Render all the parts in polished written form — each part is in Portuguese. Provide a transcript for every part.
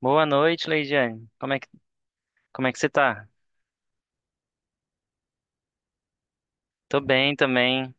Boa noite, Leidiane. Como é que você tá? Tô bem também.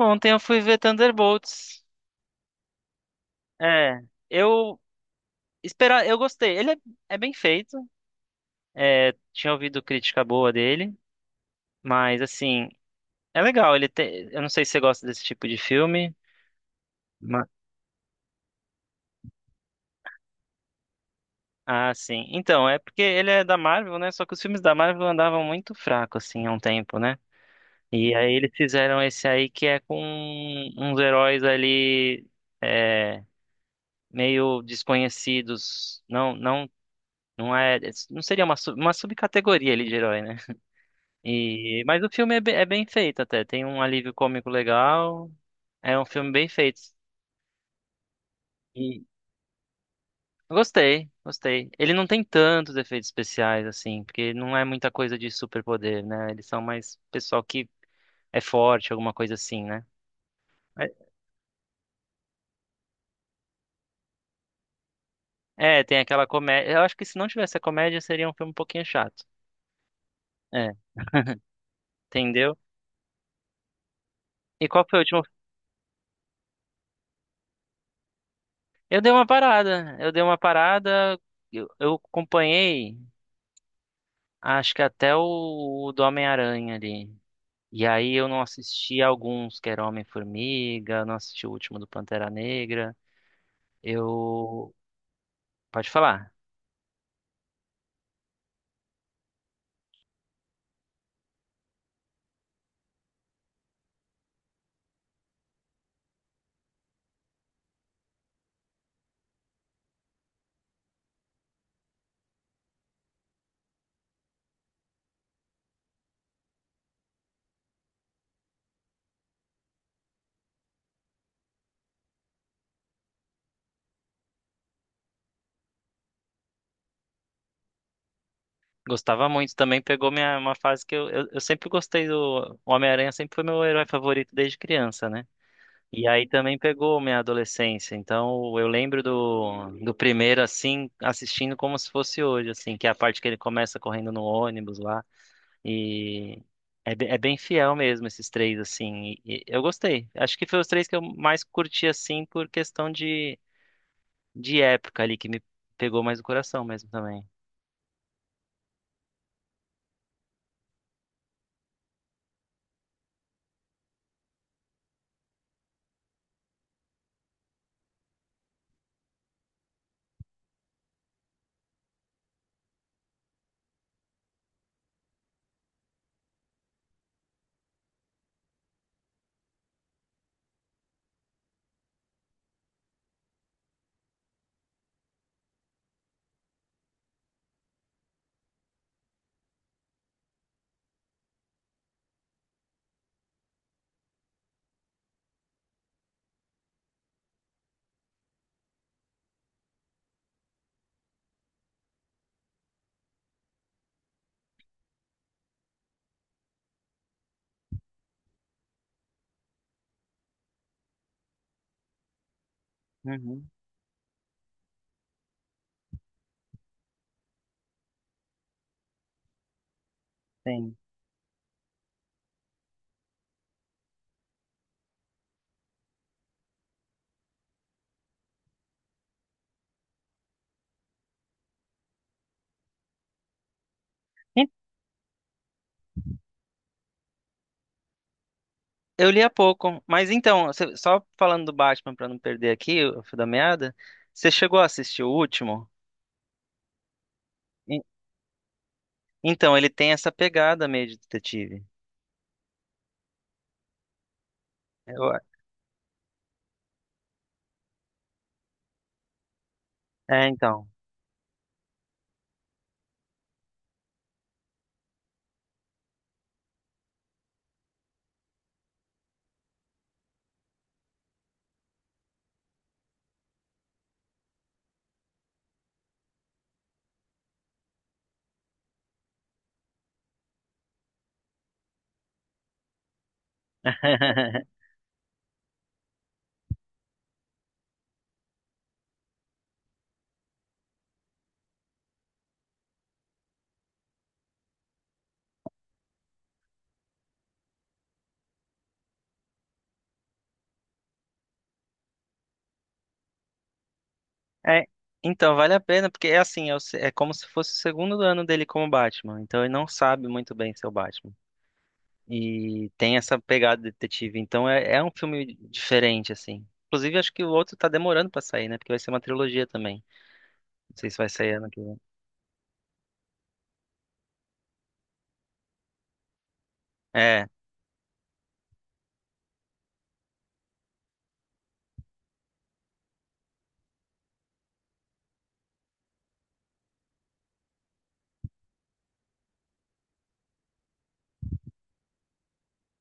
Ontem eu fui ver Thunderbolts. É, eu eu gostei. Ele é bem feito. É, tinha ouvido crítica boa dele, mas assim, é legal. Ele tem, eu não sei se você gosta desse tipo de filme. ma- Ah, sim. Então, é porque ele é da Marvel, né? Só que os filmes da Marvel andavam muito fracos, assim, há um tempo, né? E aí eles fizeram esse aí que é com uns heróis ali. é, Meio desconhecidos, não é, não seria uma, uma subcategoria ali de herói, né? E, mas o filme é bem feito até, tem um alívio cômico legal, é um filme bem feito. E Gostei, gostei. Ele não tem tantos efeitos especiais assim, porque não é muita coisa de superpoder, né? Eles são mais pessoal que é forte, alguma coisa assim, né? É, é, tem aquela comédia. Eu acho que se não tivesse a comédia, seria um filme um pouquinho chato. É, entendeu? E qual foi o último Eu dei uma parada, eu acompanhei, acho que até o do Homem-Aranha ali. E aí eu não assisti alguns, que era Homem-Formiga, não assisti o último do Pantera Negra. Eu, Pode falar, gostava muito também, pegou minha, uma fase que eu sempre gostei do o Homem-Aranha, sempre foi meu herói favorito desde criança, né? E aí também pegou minha adolescência. Então eu lembro do primeiro assim, assistindo como se fosse hoje, assim, que é a parte que ele começa correndo no ônibus lá. E é bem fiel mesmo esses três, assim. E eu gostei. Acho que foi os três que eu mais curti, assim, por questão de época ali, que me pegou mais o coração mesmo também. Uhum, sim. E- Eu li há pouco, mas então, só falando do Batman pra não perder aqui o fio da meada, você chegou a assistir o último? Então, ele tem essa pegada meio de detetive. Eu- É, então. É, então, vale a pena, porque é assim, é, o se- é como se fosse o segundo ano dele como Batman. Então, ele não sabe muito bem ser o Batman. E tem essa pegada de detetive. Então, é, é um filme diferente, assim. Inclusive, acho que o outro tá demorando pra sair, né? Porque vai ser uma trilogia também. Não sei se vai sair ano que vem. É.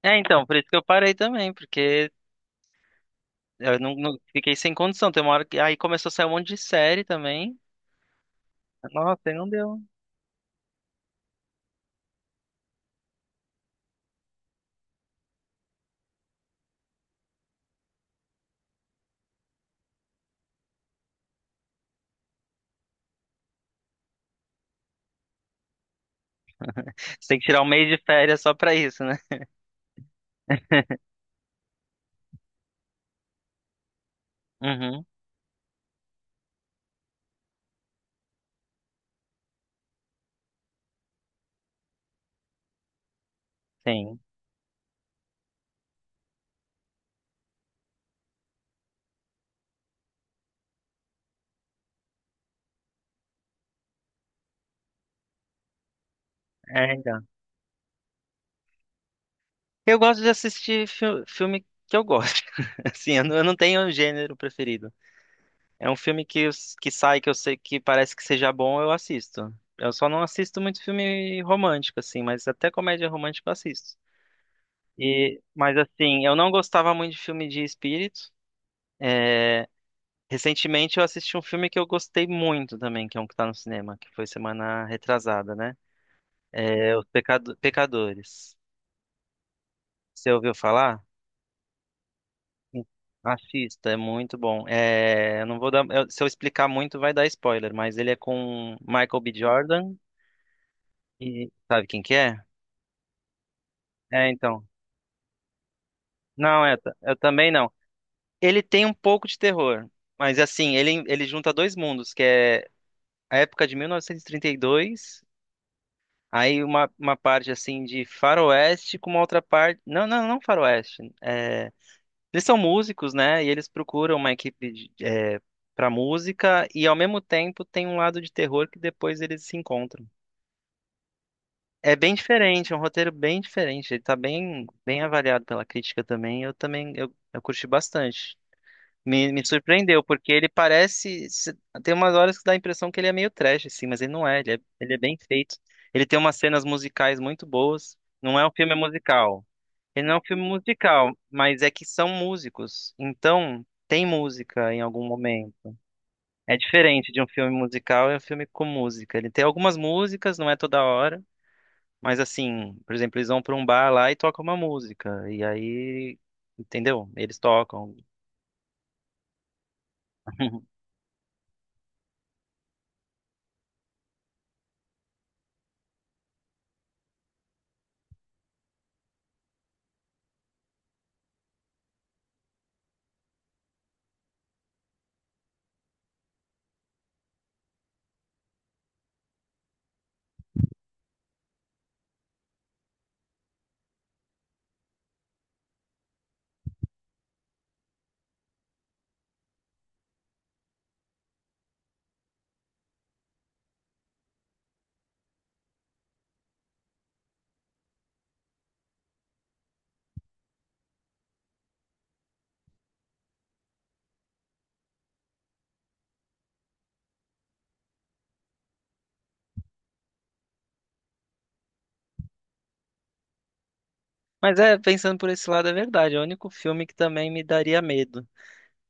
É, então, por isso que eu parei também, porque eu fiquei sem condição. Tem uma hora que. Aí começou a sair um monte de série também. Nossa, aí não deu. Você tem que tirar um mês de férias só pra isso, né? Uhum, sim. É, então. Eu gosto de assistir filme que eu gosto. Assim, eu não tenho um gênero preferido. É um filme que, que sai, que eu sei que parece que seja bom, eu assisto. Eu só não assisto muito filme romântico, assim, mas até comédia romântica eu assisto. E, mas assim, eu não gostava muito de filme de espírito. É, recentemente eu assisti um filme que eu gostei muito também, que é um que tá no cinema, que foi semana retrasada, né? É Os Pecadores. Você ouviu falar? Assista, é muito bom. É, eu não vou dar, eu- Se eu explicar muito, vai dar spoiler, mas ele é com Michael B. Jordan e sabe quem que é? É, então. Não, é, ta- Eu também não. Ele tem um pouco de terror, mas assim, ele junta dois mundos, que é a época de 1932, aí uma parte assim de faroeste com uma outra parte. Não faroeste. Eles são músicos, né? E eles procuram uma equipe de, é, para música e ao mesmo tempo tem um lado de terror que depois eles se encontram. É bem diferente, é um roteiro bem diferente. Ele tá bem, bem avaliado pela crítica também. Eu também eu curti bastante. Me surpreendeu porque ele parece se- tem umas horas que dá a impressão que ele é meio trash assim, mas ele não é. Ele é bem feito. Ele tem umas cenas musicais muito boas. Não é um filme musical. Ele não é um filme musical, mas é que são músicos. Então, tem música em algum momento. É diferente de um filme musical e um filme com música. Ele tem algumas músicas, não é toda hora, mas assim, por exemplo, eles vão para um bar lá e tocam uma música. E aí, entendeu? Eles tocam. Mas é, pensando por esse lado, é verdade. É o único filme que também me daria medo.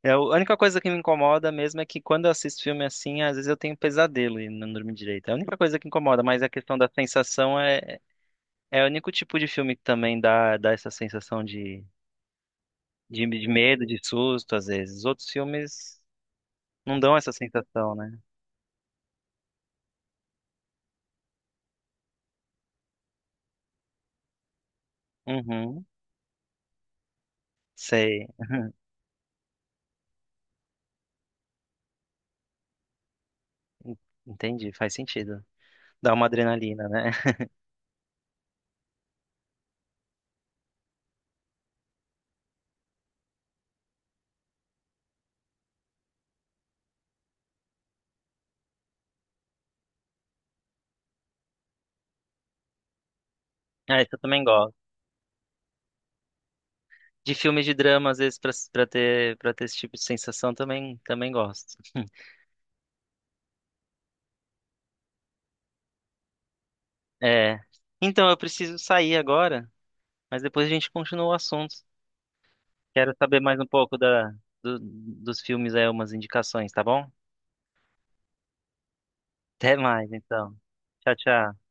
É, a única coisa que me incomoda mesmo é que quando eu assisto filme assim, às vezes eu tenho pesadelo e não durmo direito. É a única coisa que incomoda, mas a questão da sensação é, é o único tipo de filme que também dá, dá essa sensação de, de medo, de susto, às vezes. Os outros filmes não dão essa sensação, né? Uhum, sei. En- Entendi, faz sentido. Dá uma adrenalina, né? Ah, isso eu também gosto. De filmes de drama, às vezes, pra ter esse tipo de sensação, também, também gosto. É. Então, eu preciso sair agora, mas depois a gente continua o assunto. Quero saber mais um pouco da, dos filmes aí, umas indicações, tá bom? Até mais, então. Tchau, tchau.